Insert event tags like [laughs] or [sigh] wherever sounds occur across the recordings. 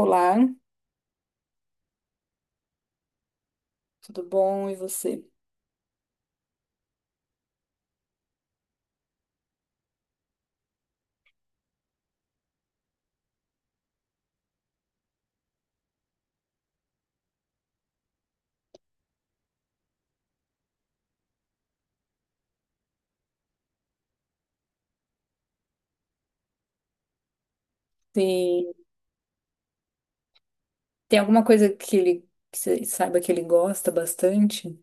Olá, tudo bom? E você? Tem, tem alguma coisa que ele que você saiba que ele gosta bastante?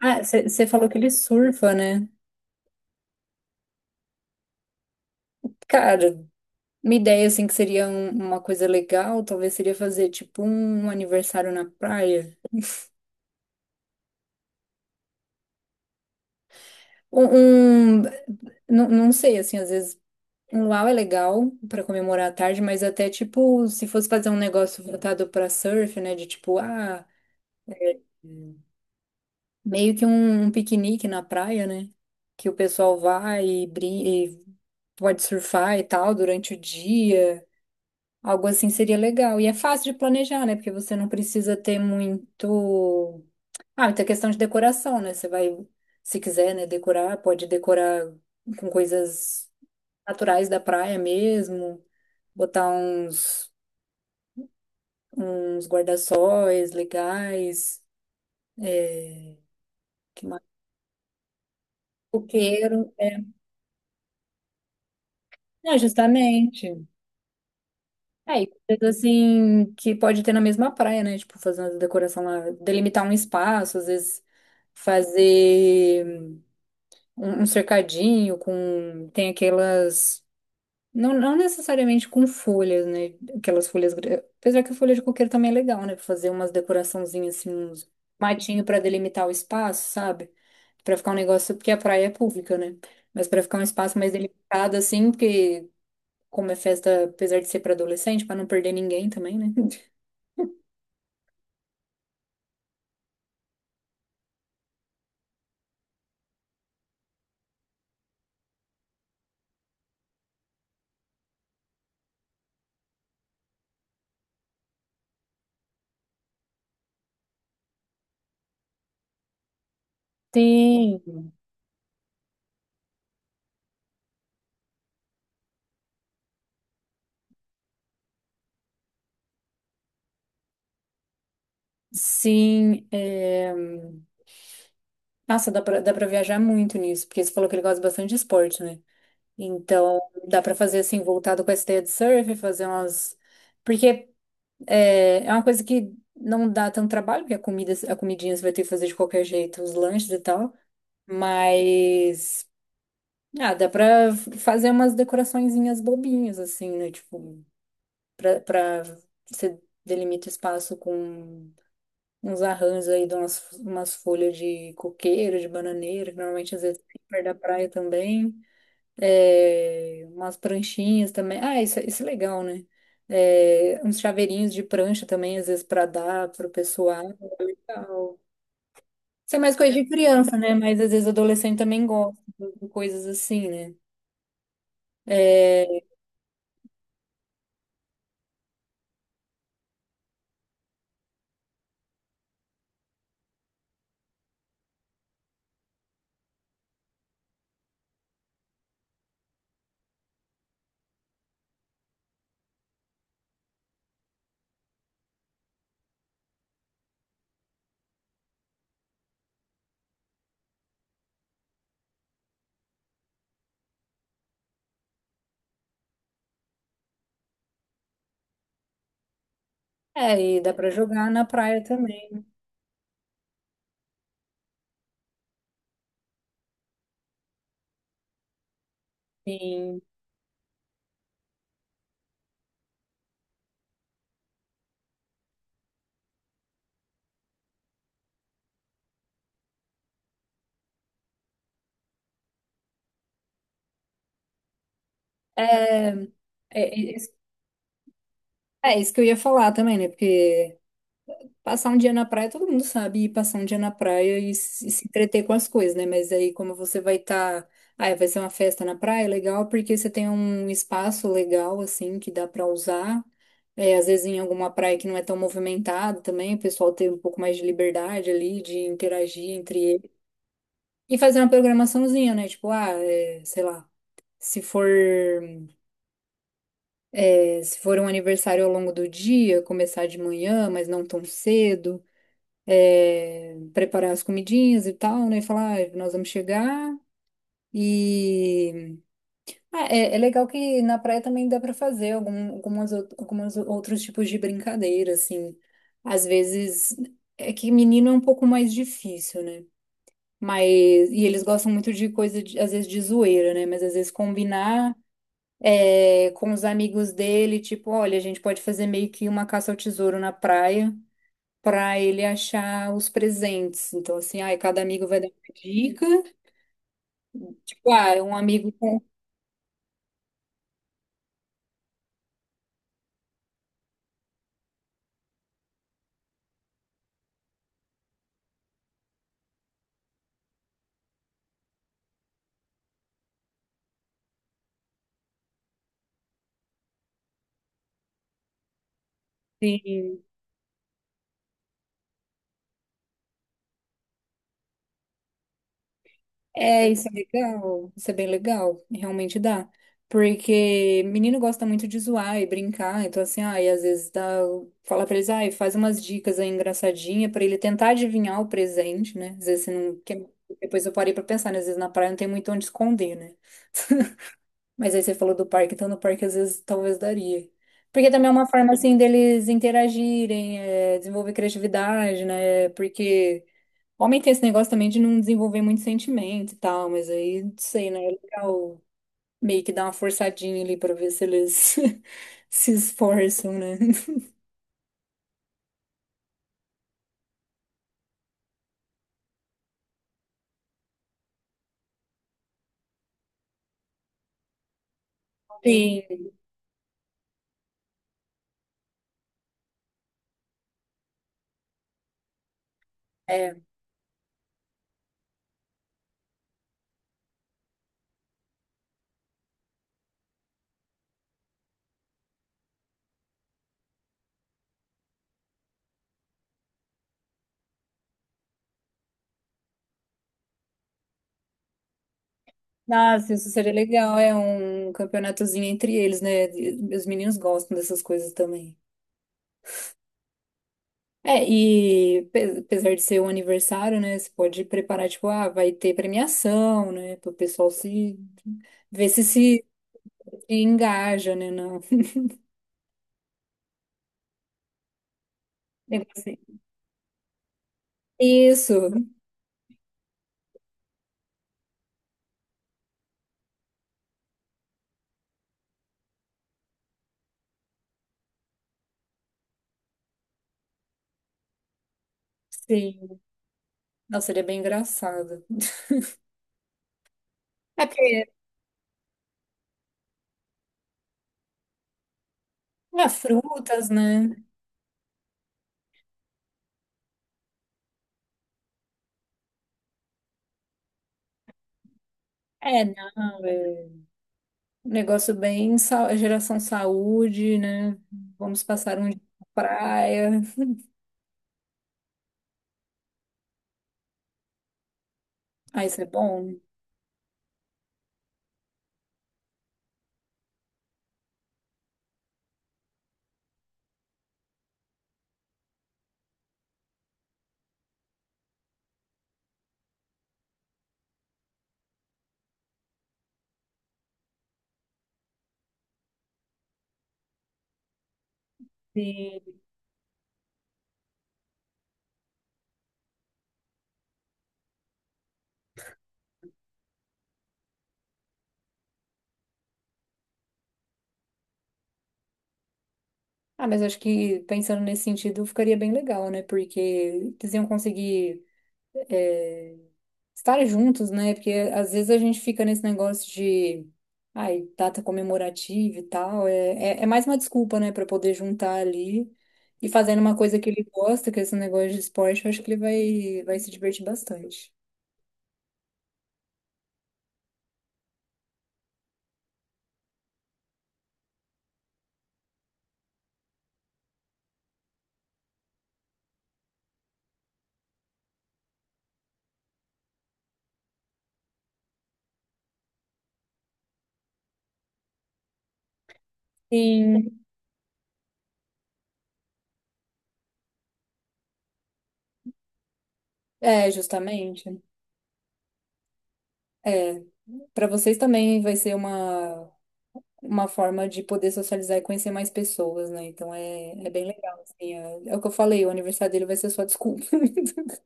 Ah, você falou que ele surfa, né? Cara, uma ideia assim que seria uma coisa legal, talvez seria fazer tipo um aniversário na praia. Um, um- não sei, assim, às vezes um luau é legal pra comemorar a tarde, mas até tipo, se fosse fazer um negócio voltado pra surf, né? De tipo, ah. Meio que um piquenique na praia, né? Que o pessoal vai e pode surfar e tal durante o dia. Algo assim seria legal. E é fácil de planejar, né? Porque você não precisa ter muito. Ah, muita questão de decoração, né? Você vai, se quiser, né, decorar, pode decorar com coisas naturais da praia mesmo, botar uns guarda-sóis legais, é, que mais? Coqueiro. É, justamente. É, e coisas assim que pode ter na mesma praia, né? Tipo, fazer uma decoração lá, delimitar um espaço, às vezes fazer um cercadinho com. Tem aquelas. Não, não necessariamente com folhas, né? Aquelas folhas. Apesar que a folha de coqueiro também é legal, né? Pra fazer umas decoraçãozinhas assim, uns matinho pra delimitar o espaço, sabe? Pra ficar um negócio. Porque a praia é pública, né? Mas pra ficar um espaço mais delimitado, assim, porque como é festa, apesar de ser pra adolescente, pra não perder ninguém também, né? Tem, sim. É, nossa, dá pra viajar muito nisso, porque você falou que ele gosta bastante de esporte, né? Então, dá pra fazer assim, voltado com essa ideia de surf, fazer umas. Porque é uma coisa que não dá tanto trabalho, porque a comida, a comidinha você vai ter que fazer de qualquer jeito, os lanches e tal. Mas ah, dá pra fazer umas decoraçõezinhas bobinhas, assim, né? Tipo, pra você delimita espaço com uns arranjos aí de umas folhas de coqueiro, de bananeira, que normalmente às vezes tem perto da praia também. É, umas pranchinhas também. Ah, isso é legal, né? É, uns chaveirinhos de prancha também, às vezes, pra dar pro pessoal. Legal. Isso é mais coisa de criança, né? Mas às vezes adolescente também gosta de coisas assim, né? É, É, e dá pra jogar na praia também. Sim. É, é, é isso é isso que eu ia falar também, né? Porque passar um dia na praia, todo mundo sabe ir passar um dia na praia e se entreter com as coisas, né? Mas aí, como você vai estar. Ah, vai ser uma festa na praia, é legal, porque você tem um espaço legal, assim, que dá pra usar. É, às vezes em alguma praia que não é tão movimentada também, o pessoal tem um pouco mais de liberdade ali, de interagir entre eles. E fazer uma programaçãozinha, né? Tipo, ah, é, sei lá, se for. É, se for um aniversário ao longo do dia, começar de manhã, mas não tão cedo, é, preparar as comidinhas e tal, né? Falar, "Ah, nós vamos chegar e. Ah, é legal que na praia também dá para fazer algum, algumas, algumas outros tipos de brincadeira, assim. Às vezes é que menino é um pouco mais difícil, né? Mas, e eles gostam muito de coisa, às vezes, de zoeira, né? Mas às vezes combinar. É, com os amigos dele, tipo, olha, a gente pode fazer meio que uma caça ao tesouro na praia pra ele achar os presentes. Então, assim, ai, cada amigo vai dar uma dica. Tipo, ah, um amigo com. Sim. É, isso é legal. Isso é bem legal. Realmente dá. Porque menino gosta muito de zoar e brincar. Então, assim, ai, às vezes dá. Fala pra eles, ai, faz umas dicas aí engraçadinha pra ele tentar adivinhar o presente, né? Às vezes você não. Depois eu parei pra pensar, né? Às vezes na praia não tem muito onde esconder, né? [laughs] Mas aí você falou do parque, então no parque às vezes talvez daria. Porque também é uma forma assim deles interagirem, é, desenvolver criatividade, né? Porque homem tem esse negócio também de não desenvolver muito sentimento e tal, mas aí, não sei, né? É legal meio que dar uma forçadinha ali pra ver se eles [laughs] se esforçam, né? Sim, é. Nossa, isso seria legal, é um campeonatozinho entre eles, né? Os meninos gostam dessas coisas também. É, e apesar de ser um aniversário, né, você pode preparar, tipo, ah, vai ter premiação, né, pro pessoal se, ver se se engaja, né, não. [laughs] Negócio assim. Isso, sim. Nossa, seria bem engraçado. É porque, ah, frutas, né, é, não, é um negócio bem, geração saúde, né, vamos passar um dia na praia, ah, isso é bom. Sim. Ah, mas acho que pensando nesse sentido ficaria bem legal, né? Porque eles iam conseguir é, estar juntos, né? Porque às vezes a gente fica nesse negócio de ai, data comemorativa e tal. É mais uma desculpa, né? Pra poder juntar ali e fazendo uma coisa que ele gosta, que é esse negócio de esporte, eu acho que ele vai se divertir bastante. Sim, é, justamente. É, para vocês também vai ser uma. Uma forma de poder socializar e conhecer mais pessoas, né? Então é, é bem legal, assim. É, é o que eu falei, o aniversário dele vai ser só desculpa. [laughs]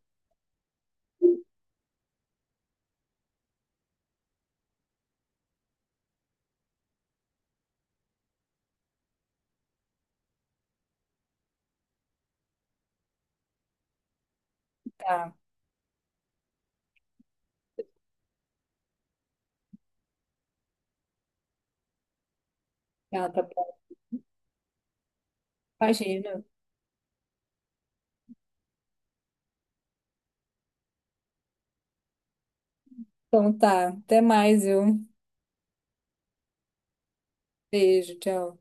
Tá, tá, tá bom. Imagina. Então tá, até mais, viu? Beijo, tchau.